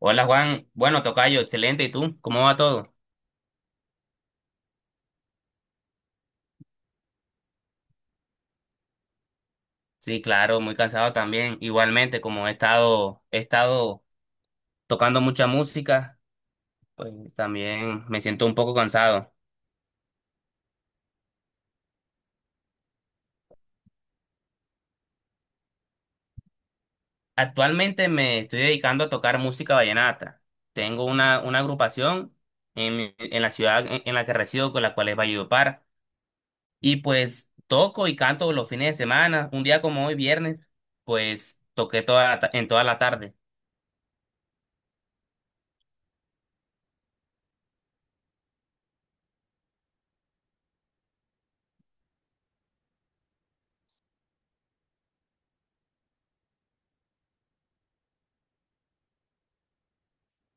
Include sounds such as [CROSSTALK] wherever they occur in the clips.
Hola Juan, bueno, tocayo, excelente. ¿Y tú? ¿Cómo va todo? Sí, claro, muy cansado también. Igualmente, como he estado tocando mucha música, pues también me siento un poco cansado. Actualmente me estoy dedicando a tocar música vallenata. Tengo una agrupación en la ciudad en la que resido, con la cual es Valledupar. Y pues toco y canto los fines de semana. Un día como hoy, viernes, pues toqué en toda la tarde.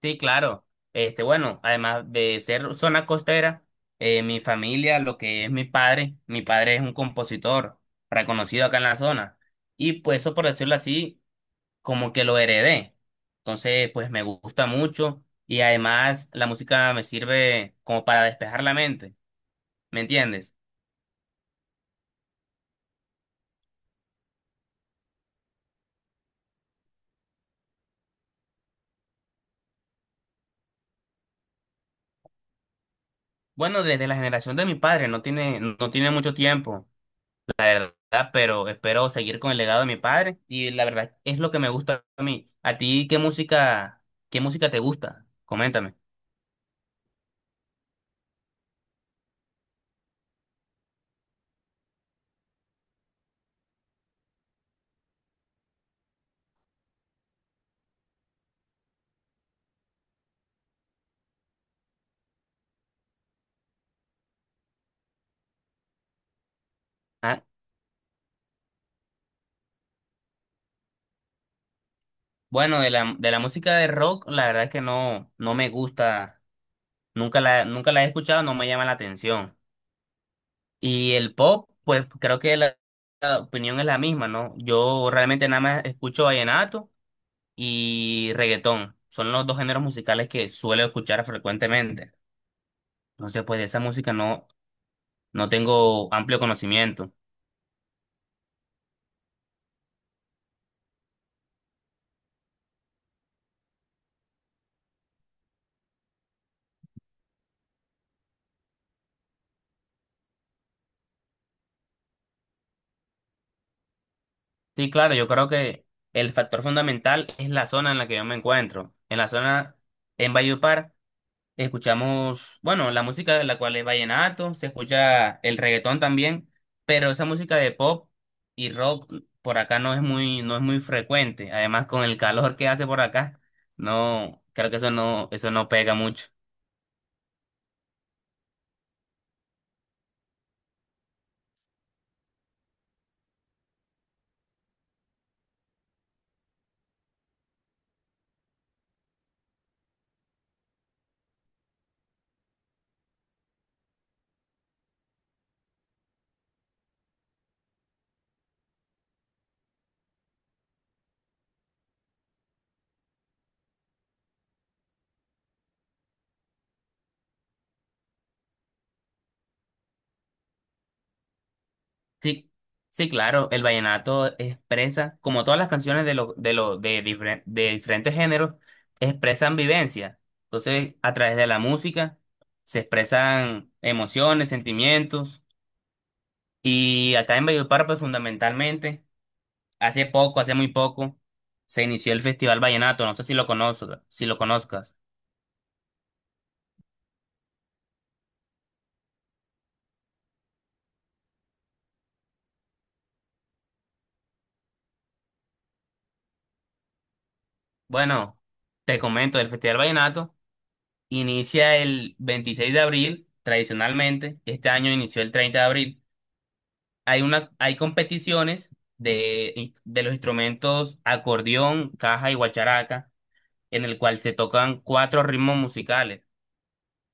Sí, claro. Bueno, además de ser zona costera, mi familia, lo que es mi padre es un compositor reconocido acá en la zona. Y pues eso, por decirlo así, como que lo heredé. Entonces, pues me gusta mucho y además la música me sirve como para despejar la mente, ¿me entiendes? Bueno, desde la generación de mi padre, no tiene mucho tiempo, la verdad, pero espero seguir con el legado de mi padre y la verdad es lo que me gusta a mí. ¿A ti qué música te gusta? Coméntame. Ah, bueno, de la música de rock, la verdad es que no me gusta, nunca la he escuchado, no me llama la atención. Y el pop, pues creo que la opinión es la misma, ¿no? Yo realmente nada más escucho vallenato y reggaetón. Son los dos géneros musicales que suelo escuchar frecuentemente. Entonces, pues de esa música no tengo amplio conocimiento. Sí, claro, yo creo que el factor fundamental es la zona en la que yo me encuentro. En la zona, en Valledupar, escuchamos, bueno, la música de la cual es vallenato, se escucha el reggaetón también, pero esa música de pop y rock por acá no es muy frecuente. Además, con el calor que hace por acá, no, creo que eso no pega mucho. Sí, sí, claro, el vallenato expresa, como todas las canciones de diferentes géneros, expresan vivencia. Entonces, a través de la música se expresan emociones, sentimientos. Y acá en Valledupar, pues fundamentalmente, hace muy poco, se inició el Festival Vallenato. No sé si lo conozcas. Bueno, te comento, el Festival Vallenato inicia el 26 de abril, tradicionalmente. Este año inició el 30 de abril. Hay hay competiciones de los instrumentos acordeón, caja y guacharaca, en el cual se tocan cuatro ritmos musicales.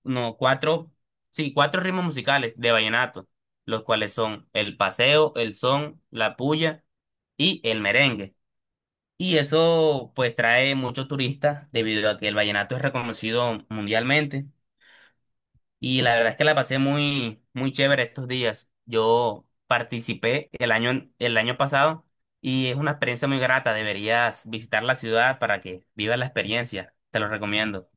No, cuatro, sí, cuatro ritmos musicales de vallenato, los cuales son el paseo, el son, la puya y el merengue. Y eso pues trae muchos turistas debido a que el vallenato es reconocido mundialmente. Y la verdad es que la pasé muy, muy chévere estos días. Yo participé el año pasado y es una experiencia muy grata. Deberías visitar la ciudad para que vivas la experiencia. Te lo recomiendo.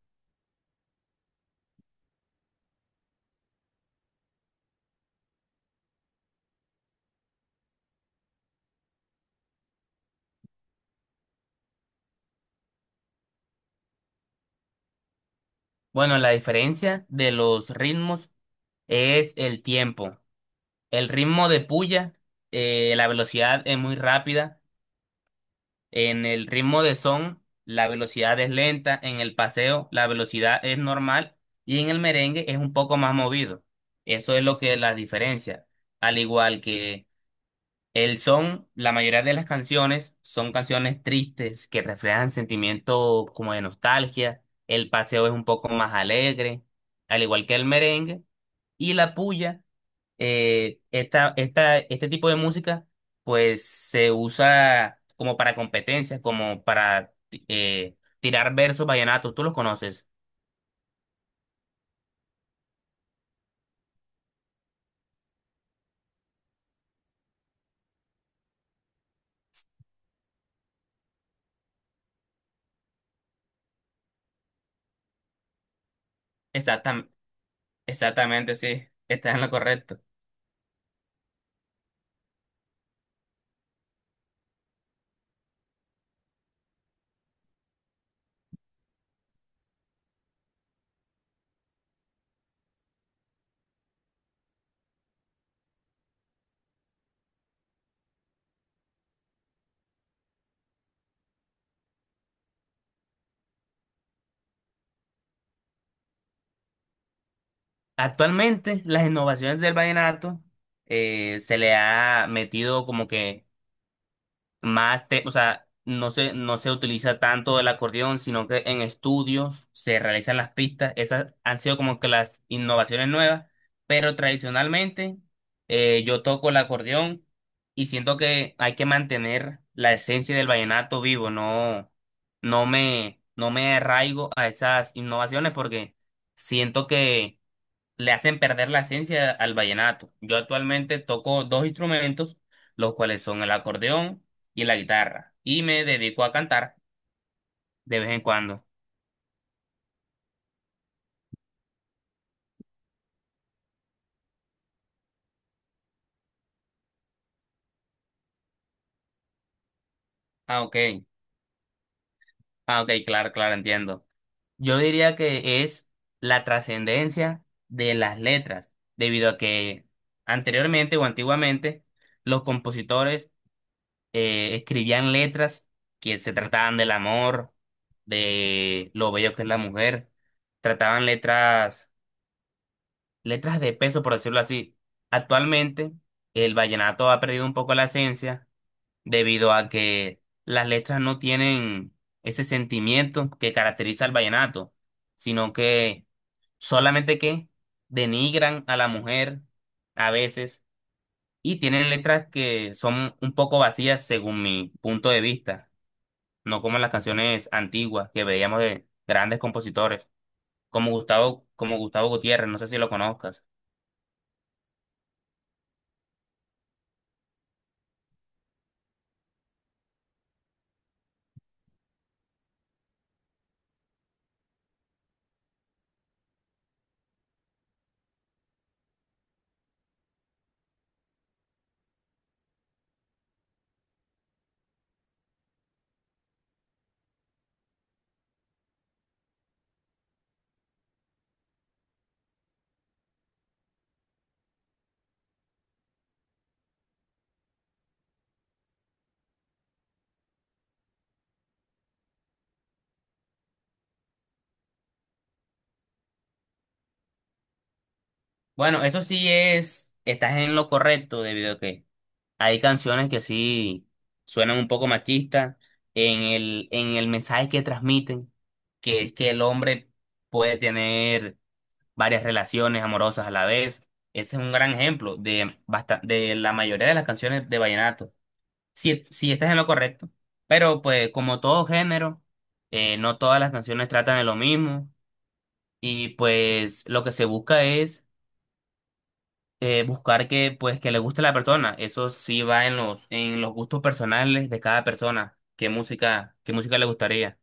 Bueno, la diferencia de los ritmos es el tiempo. El ritmo de puya, la velocidad es muy rápida. En el ritmo de son, la velocidad es lenta, en el paseo, la velocidad es normal y en el merengue es un poco más movido. Eso es lo que la diferencia. Al igual que el son, la mayoría de las canciones son canciones tristes que reflejan sentimientos como de nostalgia. El paseo es un poco más alegre, al igual que el merengue. Y la puya, este tipo de música pues se usa como para competencias, tirar versos vallenatos. ¿Tú los conoces? Exactam- Exactamente, sí, [LAUGHS] estás en lo correcto. Actualmente las innovaciones del vallenato, se le ha metido como que más, o sea, no se utiliza tanto el acordeón, sino que en estudios se realizan las pistas. Esas han sido como que las innovaciones nuevas, pero tradicionalmente, yo toco el acordeón y siento que hay que mantener la esencia del vallenato vivo, no, no me arraigo a esas innovaciones porque siento que le hacen perder la esencia al vallenato. Yo actualmente toco dos instrumentos, los cuales son el acordeón y la guitarra, y me dedico a cantar de vez en cuando. Ah, ok. Ah, ok, claro, claro, entiendo. Yo diría que es la trascendencia de las letras, debido a que anteriormente o antiguamente los compositores, escribían letras que se trataban del amor, de lo bello que es la mujer, trataban letras de peso, por decirlo así. Actualmente, el vallenato ha perdido un poco la esencia debido a que las letras no tienen ese sentimiento que caracteriza al vallenato, sino que solamente que denigran a la mujer a veces y tienen letras que son un poco vacías según mi punto de vista, no como las canciones antiguas que veíamos de grandes compositores, como Gustavo Gutiérrez, no sé si lo conozcas. Bueno, estás en lo correcto debido a que hay canciones que sí suenan un poco machistas en el mensaje que transmiten, que es que el hombre puede tener varias relaciones amorosas a la vez. Ese es un gran ejemplo de la mayoría de las canciones de vallenato. Si estás en lo correcto, pero pues como todo género, no todas las canciones tratan de lo mismo y pues lo que se busca es, buscar que pues que le guste a la persona. Eso sí va en los gustos personales de cada persona. ¿Qué música le gustaría?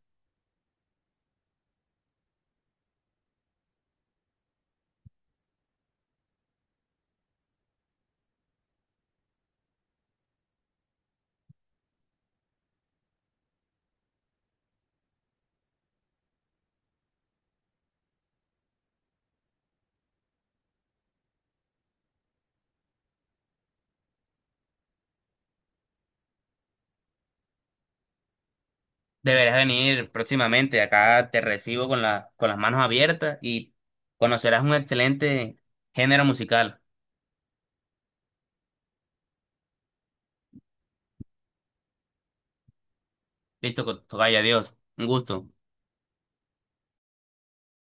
Deberás venir próximamente. Acá te recibo con con las manos abiertas y conocerás un excelente género musical. Listo, tocayo, adiós. Un gusto.